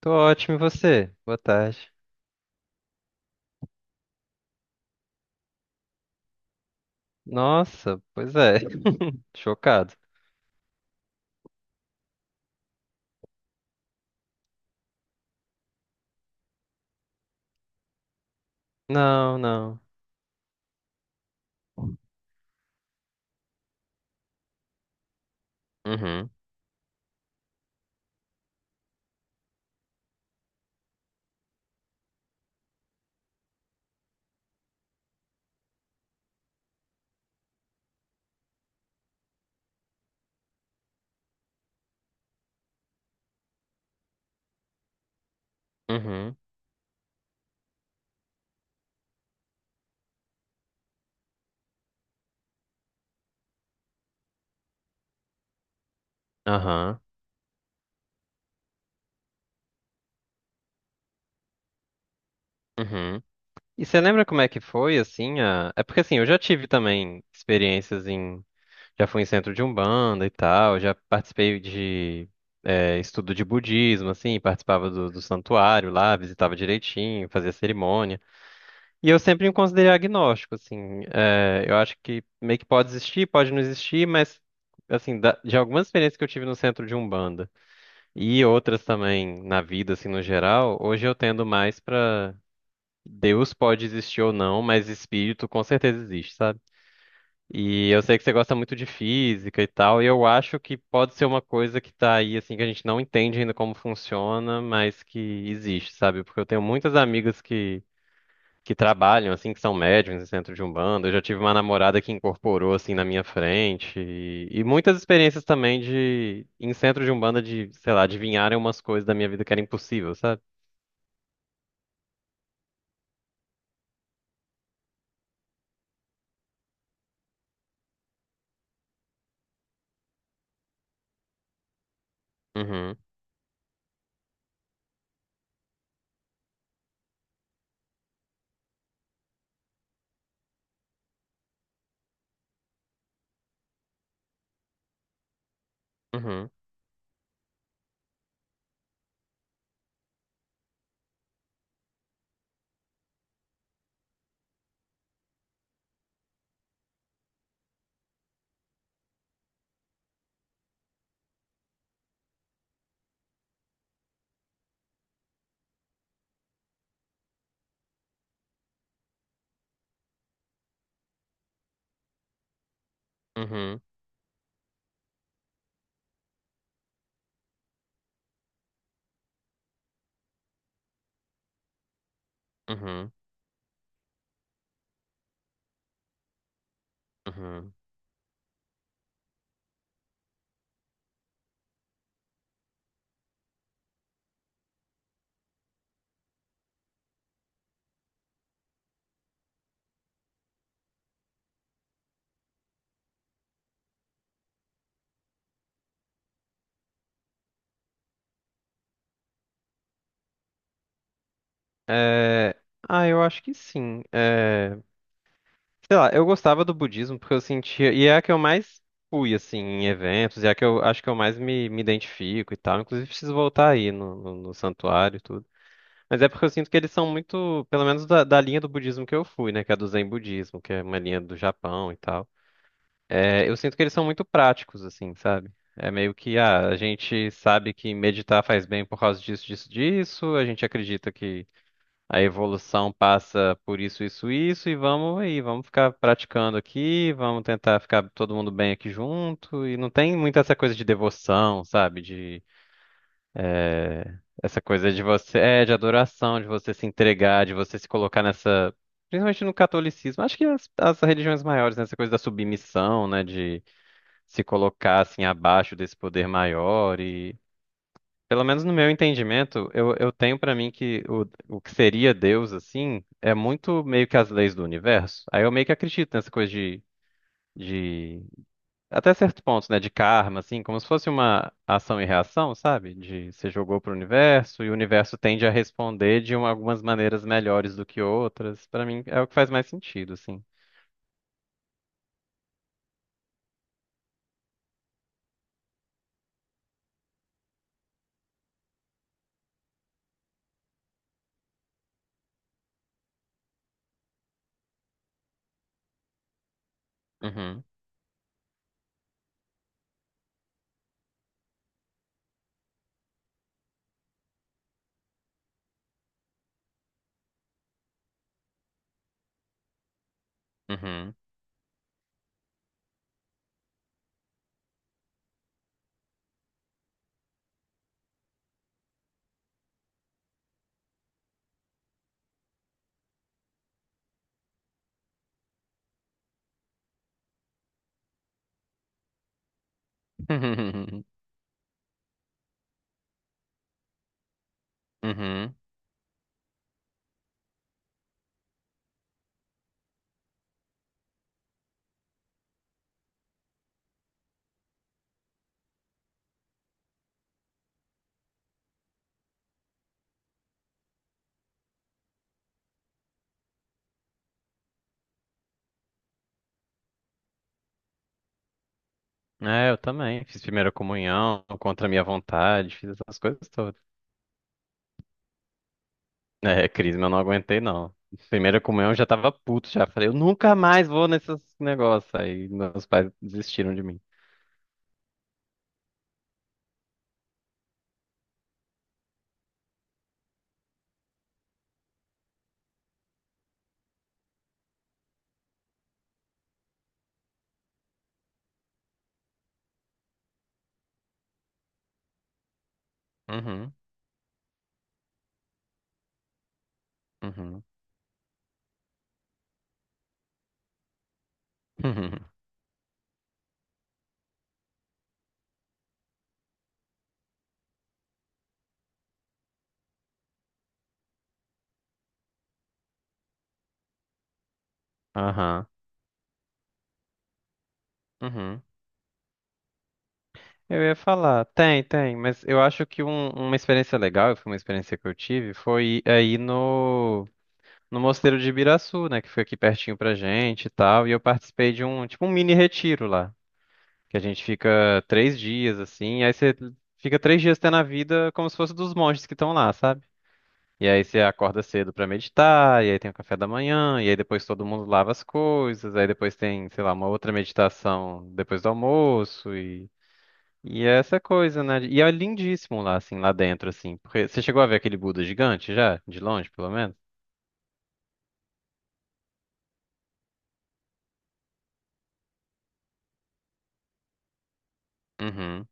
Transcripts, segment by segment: Tô ótimo, e você? Boa tarde. Nossa, pois é, chocado. Não, não. Uhum, uhum, aham, uhum. E você lembra como é que foi, assim. É porque, assim, eu já tive também experiências. Já fui em centro de Umbanda e tal, já participei de estudo de budismo, assim, participava do santuário lá, visitava direitinho, fazia cerimônia. E eu sempre me considerei agnóstico, assim. É, eu acho que meio que pode existir, pode não existir, mas, assim, de algumas experiências que eu tive no centro de Umbanda e outras também na vida, assim, no geral, hoje eu tendo mais pra Deus pode existir ou não, mas espírito com certeza existe, sabe? E eu sei que você gosta muito de física e tal, e eu acho que pode ser uma coisa que tá aí, assim, que a gente não entende ainda como funciona, mas que existe, sabe? Porque eu tenho muitas amigas que trabalham, assim, que são médiums em centro de Umbanda. Eu já tive uma namorada que incorporou, assim, na minha frente. E muitas experiências também em centro de Umbanda, de, sei lá, adivinharem umas coisas da minha vida que era impossível, sabe? Uhum, uhum, uhum, uhum, uhum. É... Ah, eu acho que sim. Sei lá, eu gostava do budismo porque eu sentia. E é a que eu mais fui, assim, em eventos, e é a que eu acho que eu mais me identifico e tal. Inclusive, preciso voltar aí no, no santuário e tudo. Mas é porque eu sinto que eles são muito, pelo menos da linha do budismo que eu fui, né? Que é do Zen budismo, que é uma linha do Japão e tal. É, eu sinto que eles são muito práticos, assim, sabe? É meio que, ah, a gente sabe que meditar faz bem por causa disso, disso, disso. A gente acredita que a evolução passa por isso, isso, isso. E vamos aí, vamos ficar praticando aqui, vamos tentar ficar todo mundo bem aqui junto. E não tem muita essa coisa de devoção, sabe? Essa coisa de você, de adoração, de você se entregar, de você se colocar nessa, principalmente no catolicismo, acho que as religiões maiores, né, essa coisa da submissão, né, de se colocar assim abaixo desse poder maior e, pelo menos no meu entendimento, eu tenho pra mim que o que seria Deus assim é muito meio que as leis do universo. Aí eu meio que acredito nessa coisa de até certo ponto, né, de karma, assim, como se fosse uma ação e reação, sabe? De você jogou pro universo e o universo tende a responder de algumas maneiras melhores do que outras. Pra mim é o que faz mais sentido, assim. Uhum, uhum. Uhum. É, eu também. Fiz primeira comunhão contra a minha vontade, fiz essas coisas todas. É, crisma, eu não aguentei, não. Primeira comunhão eu já tava puto, já falei, eu nunca mais vou nesses negócios. Aí meus pais desistiram de mim. Uhum, uhum, uhum, aham, uhum. Eu ia falar, tem, tem, mas eu acho que uma experiência legal, foi uma experiência que eu tive, foi aí no, Mosteiro de Ibiraçu, né, que foi aqui pertinho pra gente e tal, e eu participei de um, tipo um mini retiro lá, que a gente fica 3 dias, assim, aí você fica 3 dias tendo a vida como se fosse dos monges que estão lá, sabe? E aí você acorda cedo pra meditar, e aí tem o café da manhã, e aí depois todo mundo lava as coisas, aí depois tem, sei lá, uma outra meditação depois do almoço e é essa coisa, né? E é lindíssimo lá assim, lá dentro assim, porque você chegou a ver aquele Buda gigante já, de longe, pelo menos? Uhum.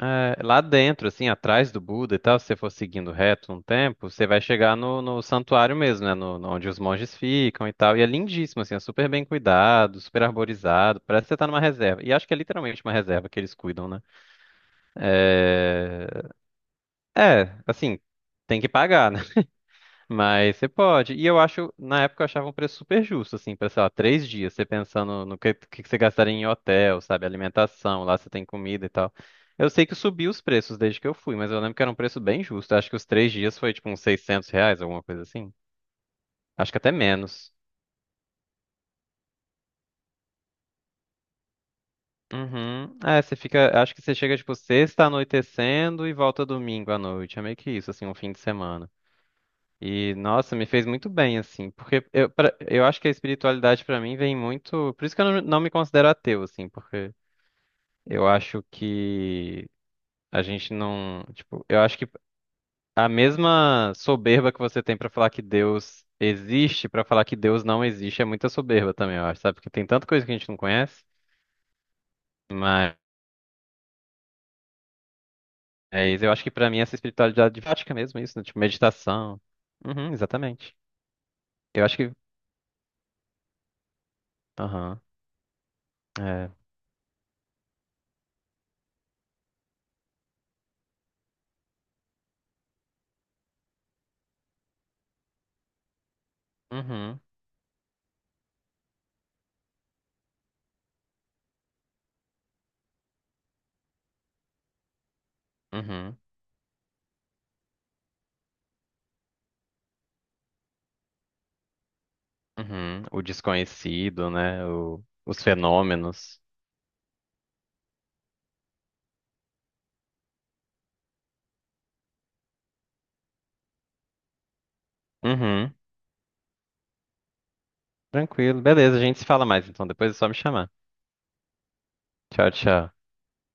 É, lá dentro, assim, atrás do Buda e tal, se você for seguindo reto um tempo, você vai chegar no santuário mesmo, né? Onde os monges ficam e tal. E é lindíssimo, assim, é super bem cuidado, super arborizado. Parece que você tá numa reserva. E acho que é literalmente uma reserva que eles cuidam, né? É, assim, tem que pagar, né? Mas você pode. E eu acho, na época eu achava um preço super justo, assim, pra, sei lá, 3 dias, você pensando no que, que você gastaria em hotel, sabe? Alimentação, lá você tem comida e tal. Eu sei que subiu os preços desde que eu fui, mas eu lembro que era um preço bem justo. Eu acho que os 3 dias foi tipo uns R$ 600, alguma coisa assim. Acho que até menos. Uhum. É, você fica. Acho que você chega, tipo, sexta anoitecendo e volta domingo à noite. É meio que isso, assim, um fim de semana. E, nossa, me fez muito bem, assim, porque eu acho que a espiritualidade pra mim vem muito. Por isso que eu não me considero ateu, assim, porque eu acho que a gente não. Tipo, eu acho que a mesma soberba que você tem pra falar que Deus existe, pra falar que Deus não existe, é muita soberba também, eu acho, sabe? Porque tem tanta coisa que a gente não conhece, mas eu acho que pra mim essa espiritualidade de prática mesmo, isso, né? Tipo, meditação. Uhum, exatamente. Eu acho que. Aham. É. Uhum. Uhum. Uhum. O desconhecido, né? Os fenômenos. Uhum. Tranquilo. Beleza, a gente se fala mais então. Depois é só me chamar. Tchau, tchau.